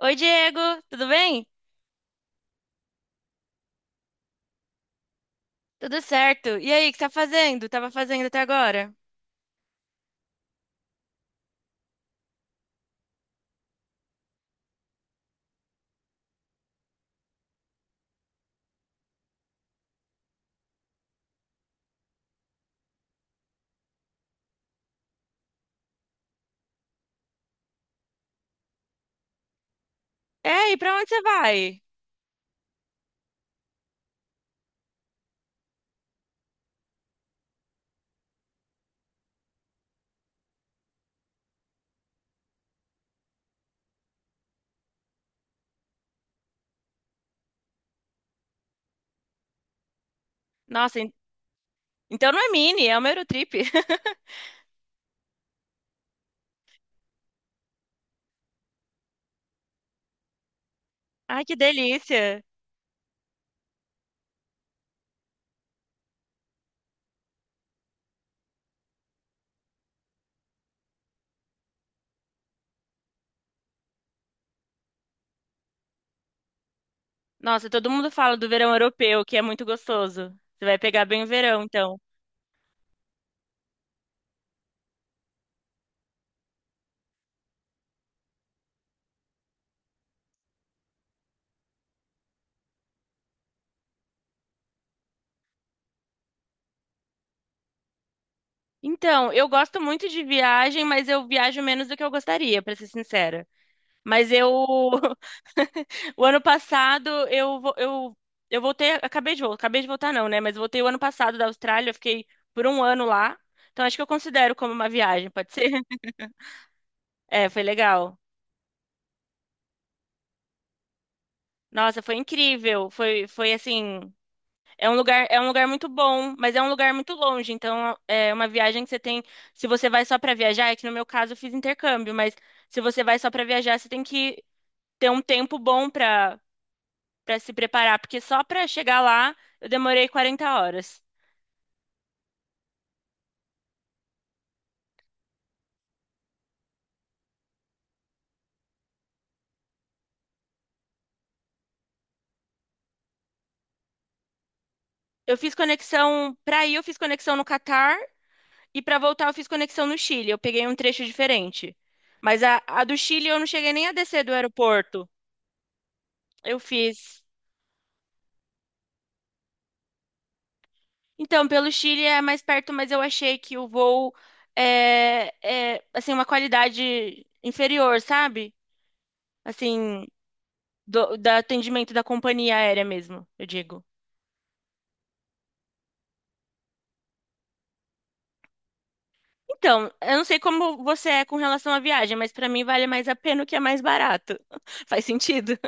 Oi, Diego, tudo bem? Tudo certo. E aí, o que você tá fazendo? Tava fazendo até agora? É, e pra onde você vai? Nossa, então não é mini, é uma Eurotrip. Ai, que delícia. Nossa, todo mundo fala do verão europeu, que é muito gostoso. Você vai pegar bem o verão, então. Então, eu gosto muito de viagem, mas eu viajo menos do que eu gostaria, pra ser sincera. Mas eu O ano passado eu voltei, acabei de voltar não, né? Mas eu voltei o ano passado da Austrália, eu fiquei por um ano lá. Então acho que eu considero como uma viagem, pode ser? É, foi legal. Nossa, foi incrível. Foi, foi assim, é um lugar muito bom, mas é um lugar muito longe. Então é uma viagem que você tem, se você vai só para viajar, é que no meu caso eu fiz intercâmbio, mas se você vai só para viajar, você tem que ter um tempo bom para se preparar, porque só para chegar lá eu demorei 40 horas. Eu fiz conexão para ir, eu fiz conexão no Catar e para voltar eu fiz conexão no Chile. Eu peguei um trecho diferente. Mas a do Chile eu não cheguei nem a descer do aeroporto. Eu fiz. Então, pelo Chile é mais perto, mas eu achei que o voo é, é assim uma qualidade inferior, sabe? Assim, do atendimento da companhia aérea mesmo, eu digo. Então, eu não sei como você é com relação à viagem, mas para mim vale mais a pena o que é mais barato. Faz sentido?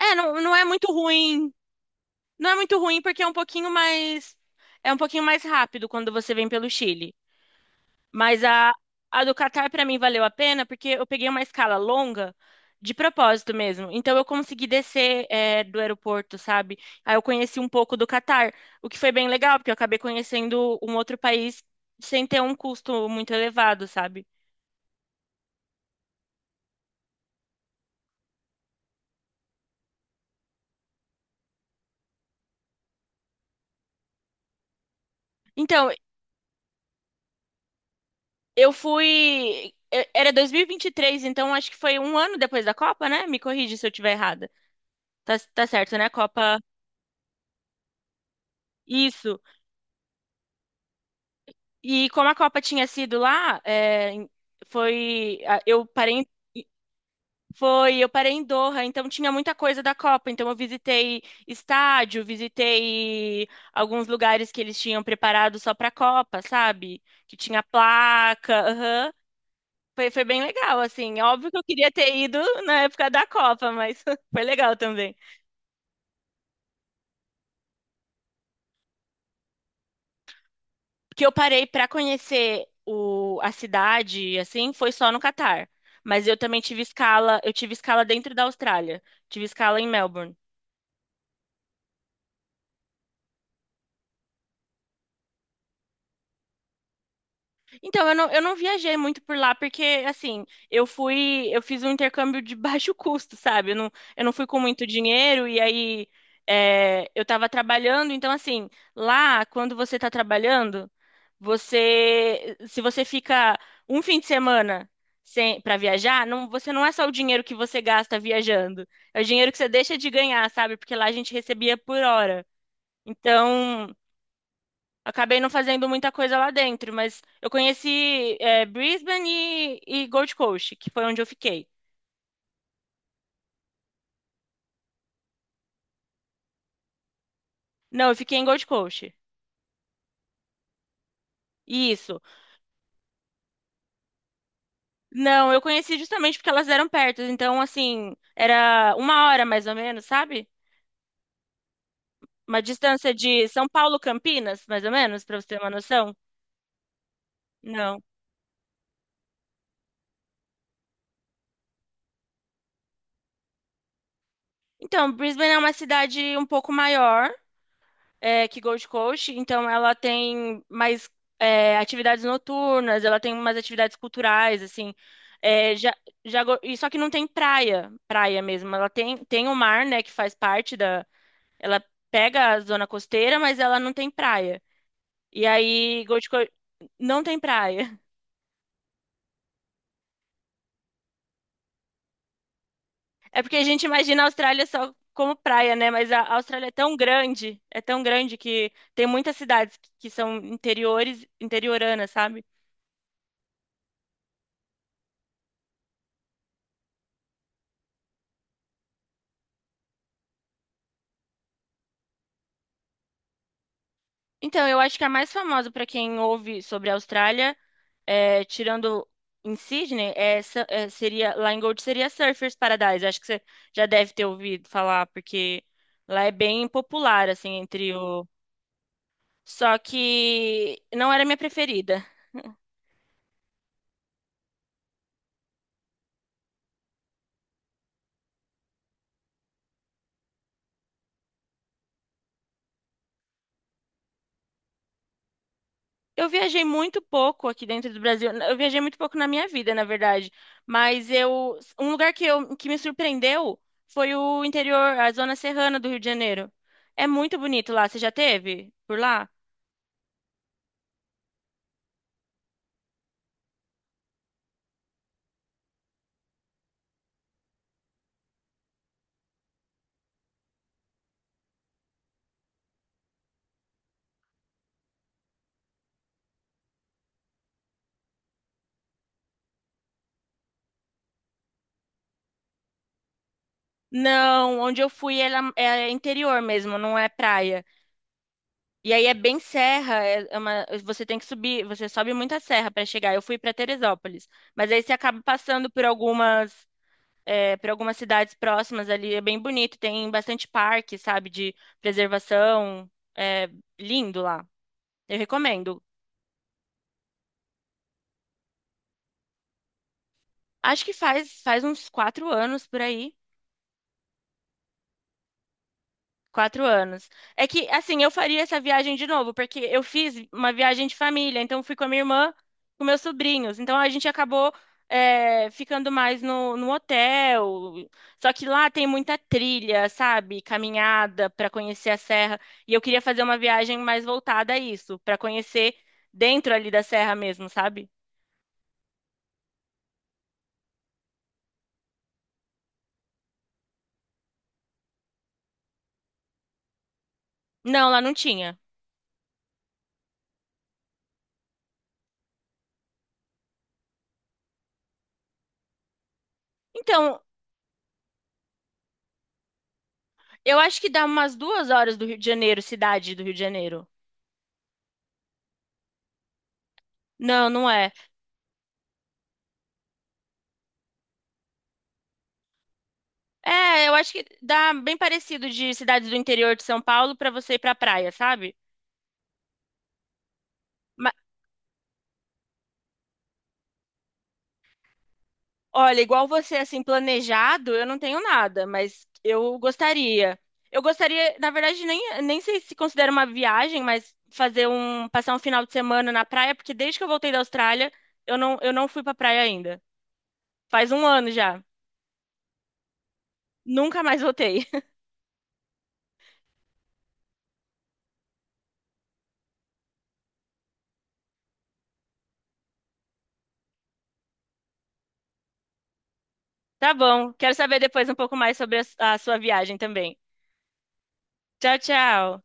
É, não, não é muito ruim. Não é muito ruim porque é um pouquinho mais rápido quando você vem pelo Chile. Mas a do Catar para mim valeu a pena porque eu peguei uma escala longa de propósito mesmo. Então eu consegui descer do aeroporto, sabe? Aí eu conheci um pouco do Catar, o que foi bem legal porque eu acabei conhecendo um outro país sem ter um custo muito elevado, sabe? Então eu fui e- Era 2023, então acho que foi um ano depois da Copa, né? Me corrige se eu estiver errada. Tá, tá certo, né? A Copa. Isso. E como a Copa tinha sido lá, foi. a- Eu parei. em- Foi, eu parei em Doha, então tinha muita coisa da Copa. Então eu visitei estádio, visitei alguns lugares que eles tinham preparado só pra Copa, sabe? Que tinha placa, aham. Foi, foi bem legal, assim. Óbvio que eu queria ter ido na época da Copa, mas foi legal também. Que eu parei para conhecer a cidade, assim, foi só no Catar. Mas eu também tive escala, eu tive escala dentro da Austrália, tive escala em Melbourne. Então, eu não viajei muito por lá, porque, assim, eu fiz um intercâmbio de baixo custo, sabe? Eu não fui com muito dinheiro, e aí eu tava trabalhando, então, assim, lá, quando você tá trabalhando, se você fica um fim de semana sem, para viajar, não, você não é só o dinheiro que você gasta viajando, é o dinheiro que você deixa de ganhar, sabe? Porque lá a gente recebia por hora. Então, acabei não fazendo muita coisa lá dentro, mas eu conheci Brisbane e Gold Coast, que foi onde eu fiquei. Não, eu fiquei em Gold Coast. Isso. Não, eu conheci justamente porque elas eram perto. Então, assim, era uma hora mais ou menos, sabe? Uma distância de São Paulo, Campinas, mais ou menos, para você ter uma noção. Não. Então, Brisbane é uma cidade um pouco maior que Gold Coast, então ela tem mais atividades noturnas, ela tem umas atividades culturais, assim. É, já, já, go- e só que não tem praia, praia mesmo. Ela tem, tem o mar, né, que faz parte da. Ela pega a zona costeira, mas ela não tem praia. E aí, Gold Coast não tem praia. É porque a gente imagina a Austrália só como praia, né? Mas a Austrália é tão grande que tem muitas cidades que são interiores, interioranas, sabe? Então, eu acho que a mais famosa para quem ouve sobre a Austrália, tirando em Sydney, seria, lá em Gold seria Surfers Paradise. Acho que você já deve ter ouvido falar, porque lá é bem popular, assim, entre o. Só que não era minha preferida. Eu viajei muito pouco aqui dentro do Brasil. Eu viajei muito pouco na minha vida, na verdade. Mas um lugar que me surpreendeu foi o interior, a zona serrana do Rio de Janeiro. É muito bonito lá. Você já teve por lá? Não, onde eu fui ela- é interior mesmo, não é praia. E aí é bem serra, uma- você tem que subir, você sobe muita serra para chegar. Eu fui para Teresópolis, mas aí você acaba passando por algumas, por algumas cidades próximas ali, é bem bonito, tem bastante parque, sabe, de preservação, é lindo lá. Eu recomendo. Acho que faz uns quatro anos por aí. Quatro anos. É que, assim, eu faria essa viagem de novo, porque eu fiz uma viagem de família, então fui com a minha irmã, com meus sobrinhos. Então a gente acabou, ficando mais no, no hotel. Só que lá tem muita trilha, sabe? Caminhada para conhecer a serra. E eu queria fazer uma viagem mais voltada a isso, para conhecer dentro ali da serra mesmo, sabe? Não, lá não tinha. Então, eu acho que dá umas duas horas do Rio de Janeiro, cidade do Rio de Janeiro. Não, não é É, eu acho que dá bem parecido de cidades do interior de São Paulo pra você ir pra praia, sabe? Ma- olha, igual você, assim, planejado, eu não tenho nada, mas eu gostaria. Eu gostaria, na verdade, nem sei se considera uma viagem, mas fazer um, passar um final de semana na praia, porque desde que eu voltei da Austrália, eu não fui pra praia ainda. Faz um ano já. Nunca mais voltei. Tá bom, quero saber depois um pouco mais sobre a sua viagem também. Tchau, tchau.